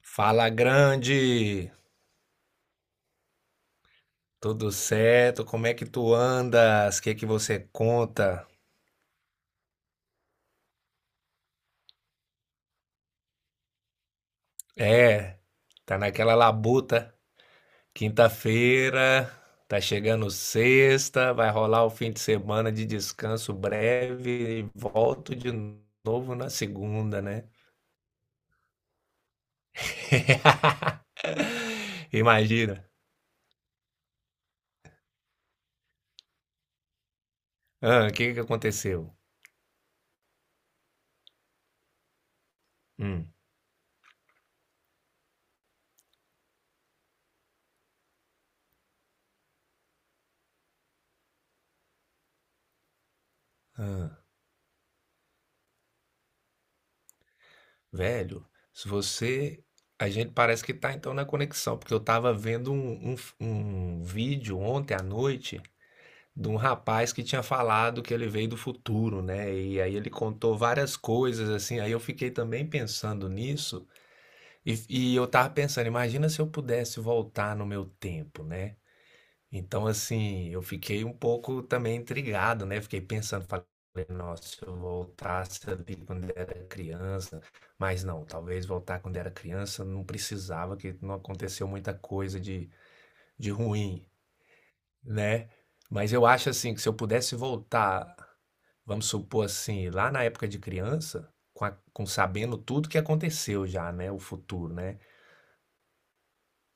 Fala grande, tudo certo? Como é que tu andas? O que que você conta? É, tá naquela labuta. Quinta-feira, tá chegando sexta, vai rolar o fim de semana de descanso breve e volto de novo na segunda, né? Imagina. Ah, o que que aconteceu? Hum, ah. Velho, se você. A gente parece que tá então na conexão, porque eu tava vendo um vídeo ontem à noite de um rapaz que tinha falado que ele veio do futuro, né? E aí ele contou várias coisas, assim. Aí eu fiquei também pensando nisso, e, e eu tava pensando, imagina se eu pudesse voltar no meu tempo, né? Então, assim, eu fiquei um pouco também intrigado, né? Fiquei pensando, falei, nossa, se eu voltasse ali quando era criança, mas não, talvez voltar quando era criança não precisava, que não aconteceu muita coisa de ruim, né? Mas eu acho assim que se eu pudesse voltar, vamos supor assim, lá na época de criança, com, com sabendo tudo que aconteceu já, né? O futuro, né?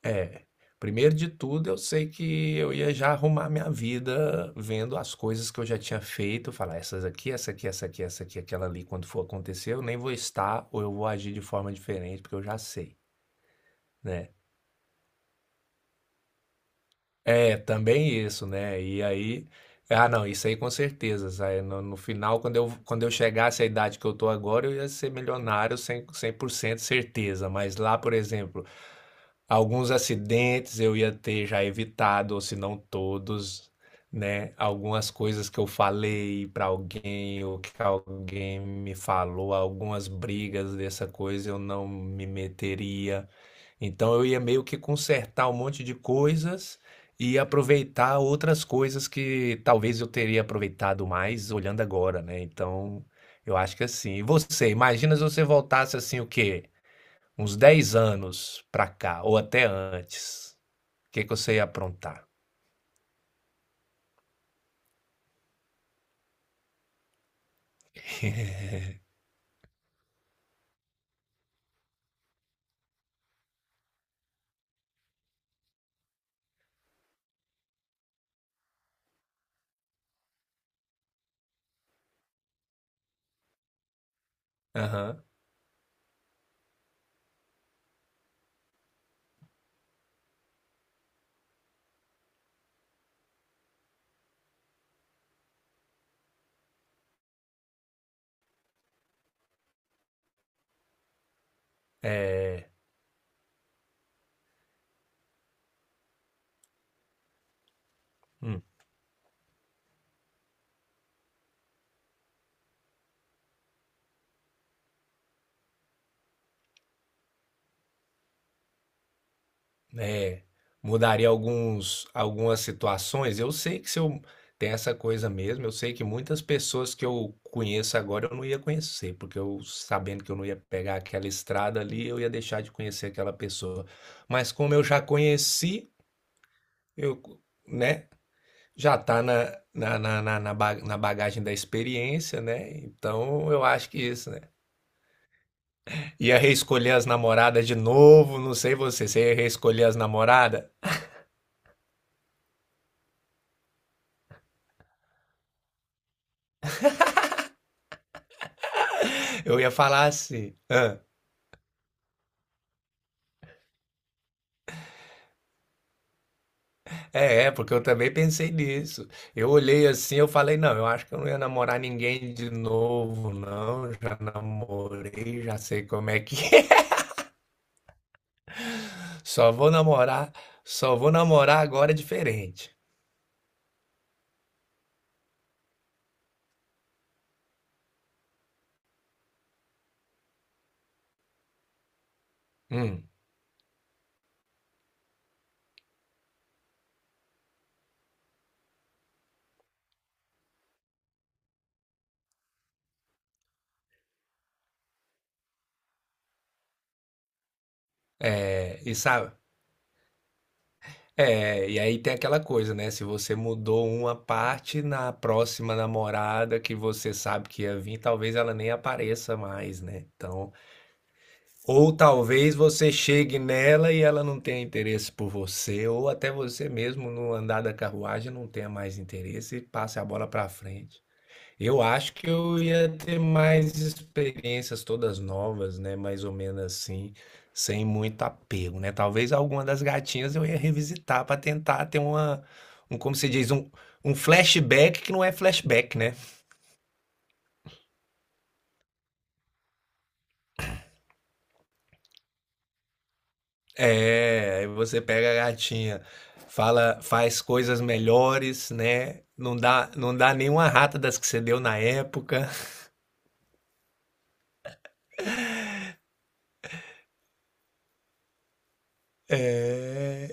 É, primeiro de tudo, eu sei que eu ia já arrumar minha vida vendo as coisas que eu já tinha feito, falar essas aqui, essa aqui, essa aqui, essa aqui, aquela ali, quando for acontecer, eu nem vou estar ou eu vou agir de forma diferente, porque eu já sei, né? É, também isso, né? E aí, ah, não, isso aí com certeza. Sabe? No final, quando eu chegasse à idade que eu tô agora, eu ia ser milionário 100% certeza. Mas lá, por exemplo, alguns acidentes eu ia ter já evitado, ou se não todos, né? Algumas coisas que eu falei para alguém, ou que alguém me falou, algumas brigas dessa coisa eu não me meteria. Então eu ia meio que consertar um monte de coisas e aproveitar outras coisas que talvez eu teria aproveitado mais olhando agora, né? Então eu acho que é assim. E você, imagina se você voltasse assim o quê? Uns 10 anos pra cá, ou até antes, o que que você ia aprontar? Aham. É, hum, é, mudaria algumas situações. Eu sei que se eu tem essa coisa mesmo, eu sei que muitas pessoas que eu conheço agora eu não ia conhecer, porque eu sabendo que eu não ia pegar aquela estrada ali, eu ia deixar de conhecer aquela pessoa. Mas como eu já conheci, eu, né? Já está na bagagem da experiência, né? Então eu acho que isso, né? Ia reescolher as namoradas de novo, não sei você, você ia reescolher as namoradas? Eu ia falar assim, "Hã? É, é, porque eu também pensei nisso. Eu olhei assim, eu falei, não, eu acho que eu não ia namorar ninguém de novo, não. Já namorei, já sei como é que é. Só vou namorar, só vou namorar agora diferente. Hum, é, e sabe? É, e aí tem aquela coisa, né? Se você mudou uma parte na próxima namorada que você sabe que ia vir, talvez ela nem apareça mais, né? Então, ou talvez você chegue nela e ela não tenha interesse por você, ou até você mesmo no andar da carruagem não tenha mais interesse e passe a bola pra frente. Eu acho que eu ia ter mais experiências todas novas, né? Mais ou menos assim, sem muito apego, né? Talvez alguma das gatinhas eu ia revisitar para tentar ter uma, como se diz, um flashback que não é flashback, né? É, aí você pega a gatinha, fala, faz coisas melhores, né? Não dá nenhuma rata das que você deu na época.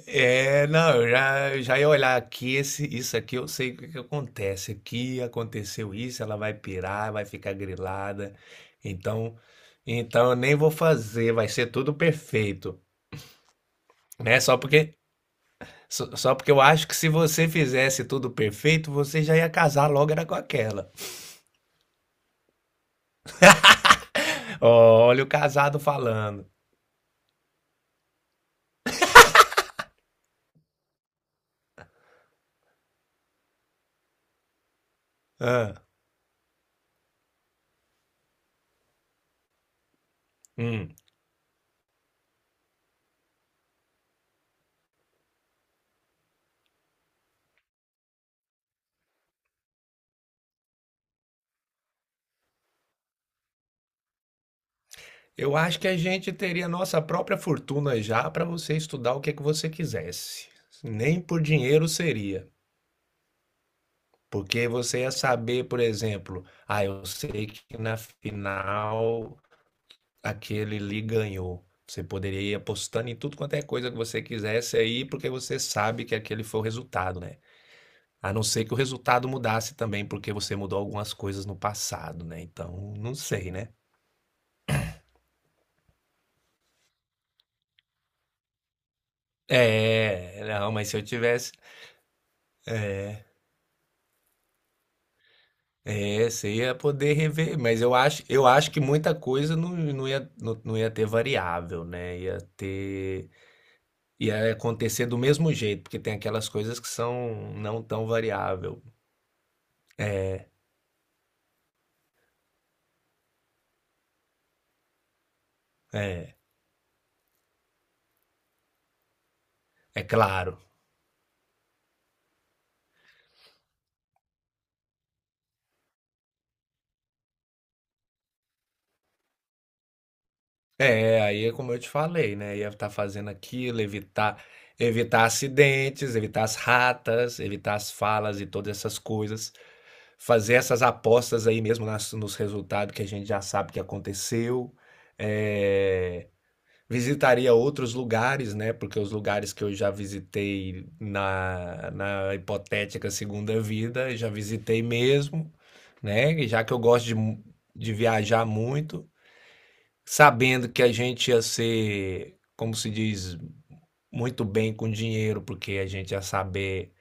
Não, eu já ia olhar aqui, esse, isso aqui eu sei o que que acontece. Aqui aconteceu isso, ela vai pirar, vai ficar grilada. Então, então eu nem vou fazer, vai ser tudo perfeito, né? Só porque, só porque eu acho que se você fizesse tudo perfeito, você já ia casar logo era com aquela. Olha o casado falando. Ah, hum. Eu acho que a gente teria nossa própria fortuna já para você estudar o que é que você quisesse. Nem por dinheiro seria. Porque você ia saber, por exemplo, ah, eu sei que na final aquele Lee ganhou. Você poderia ir apostando em tudo quanto é coisa que você quisesse aí, porque você sabe que aquele foi o resultado, né? A não ser que o resultado mudasse também, porque você mudou algumas coisas no passado, né? Então, não sei, né? É, não, mas se eu tivesse, é, você ia poder rever, mas eu acho que muita coisa não ia, não ia ter variável, né? Ia ter ia acontecer do mesmo jeito, porque tem aquelas coisas que são não tão variável. É, é claro. É, aí é como eu te falei, né? Ia estar fazendo aquilo, evitar, evitar acidentes, evitar as ratas, evitar as falas e todas essas coisas. Fazer essas apostas aí mesmo nos resultados que a gente já sabe que aconteceu. É, visitaria outros lugares, né? Porque os lugares que eu já visitei na hipotética segunda vida, eu já visitei mesmo, né? E já que eu gosto de, de viajar muito, sabendo que a gente ia ser, como se diz, muito bem com dinheiro, porque a gente ia saber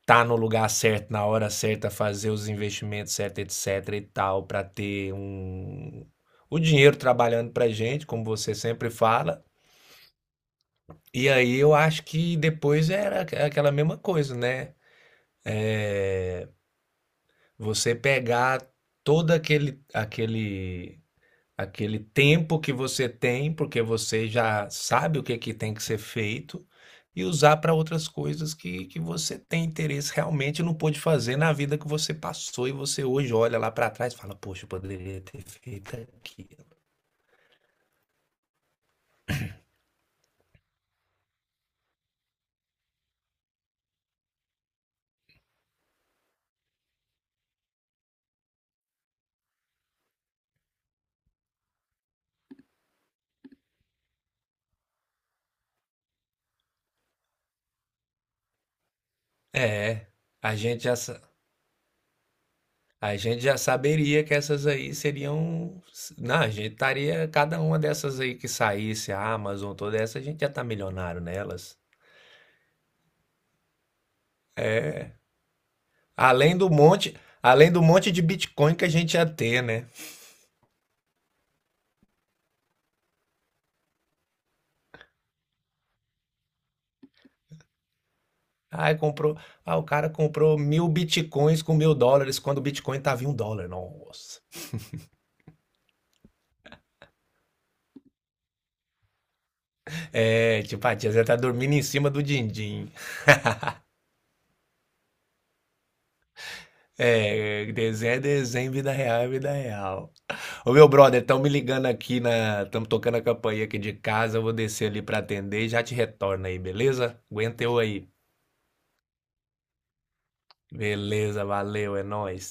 estar no lugar certo, na hora certa, fazer os investimentos certos, etc e tal, para ter um, o dinheiro trabalhando pra gente, como você sempre fala. E aí eu acho que depois era aquela mesma coisa, né? Você pegar todo aquele aquele tempo que você tem, porque você já sabe o que é que tem que ser feito, e usar para outras coisas que você tem interesse realmente e não pôde fazer na vida que você passou e você hoje olha lá para trás e fala, poxa, eu poderia ter feito aquilo. É, a gente já, sa- a gente já saberia que essas aí seriam. Não, a gente estaria. Cada uma dessas aí que saísse, a Amazon, toda essa, a gente já tá milionário nelas. Além do monte, além do monte de Bitcoin que a gente ia ter, né? Ah, comprou. Ah, o cara comprou 1.000 Bitcoins com US$ 1.000 quando o Bitcoin tava em US$ 1. Nossa. É, tipo, a tia Zé tá dormindo em cima do din-din. É desenho, vida real é vida real. Ô meu brother, estão me ligando aqui na. Estamos tocando a campainha aqui de casa. Eu vou descer ali pra atender e já te retorno aí, beleza? Aguenta eu aí. Beleza, valeu, é nóis.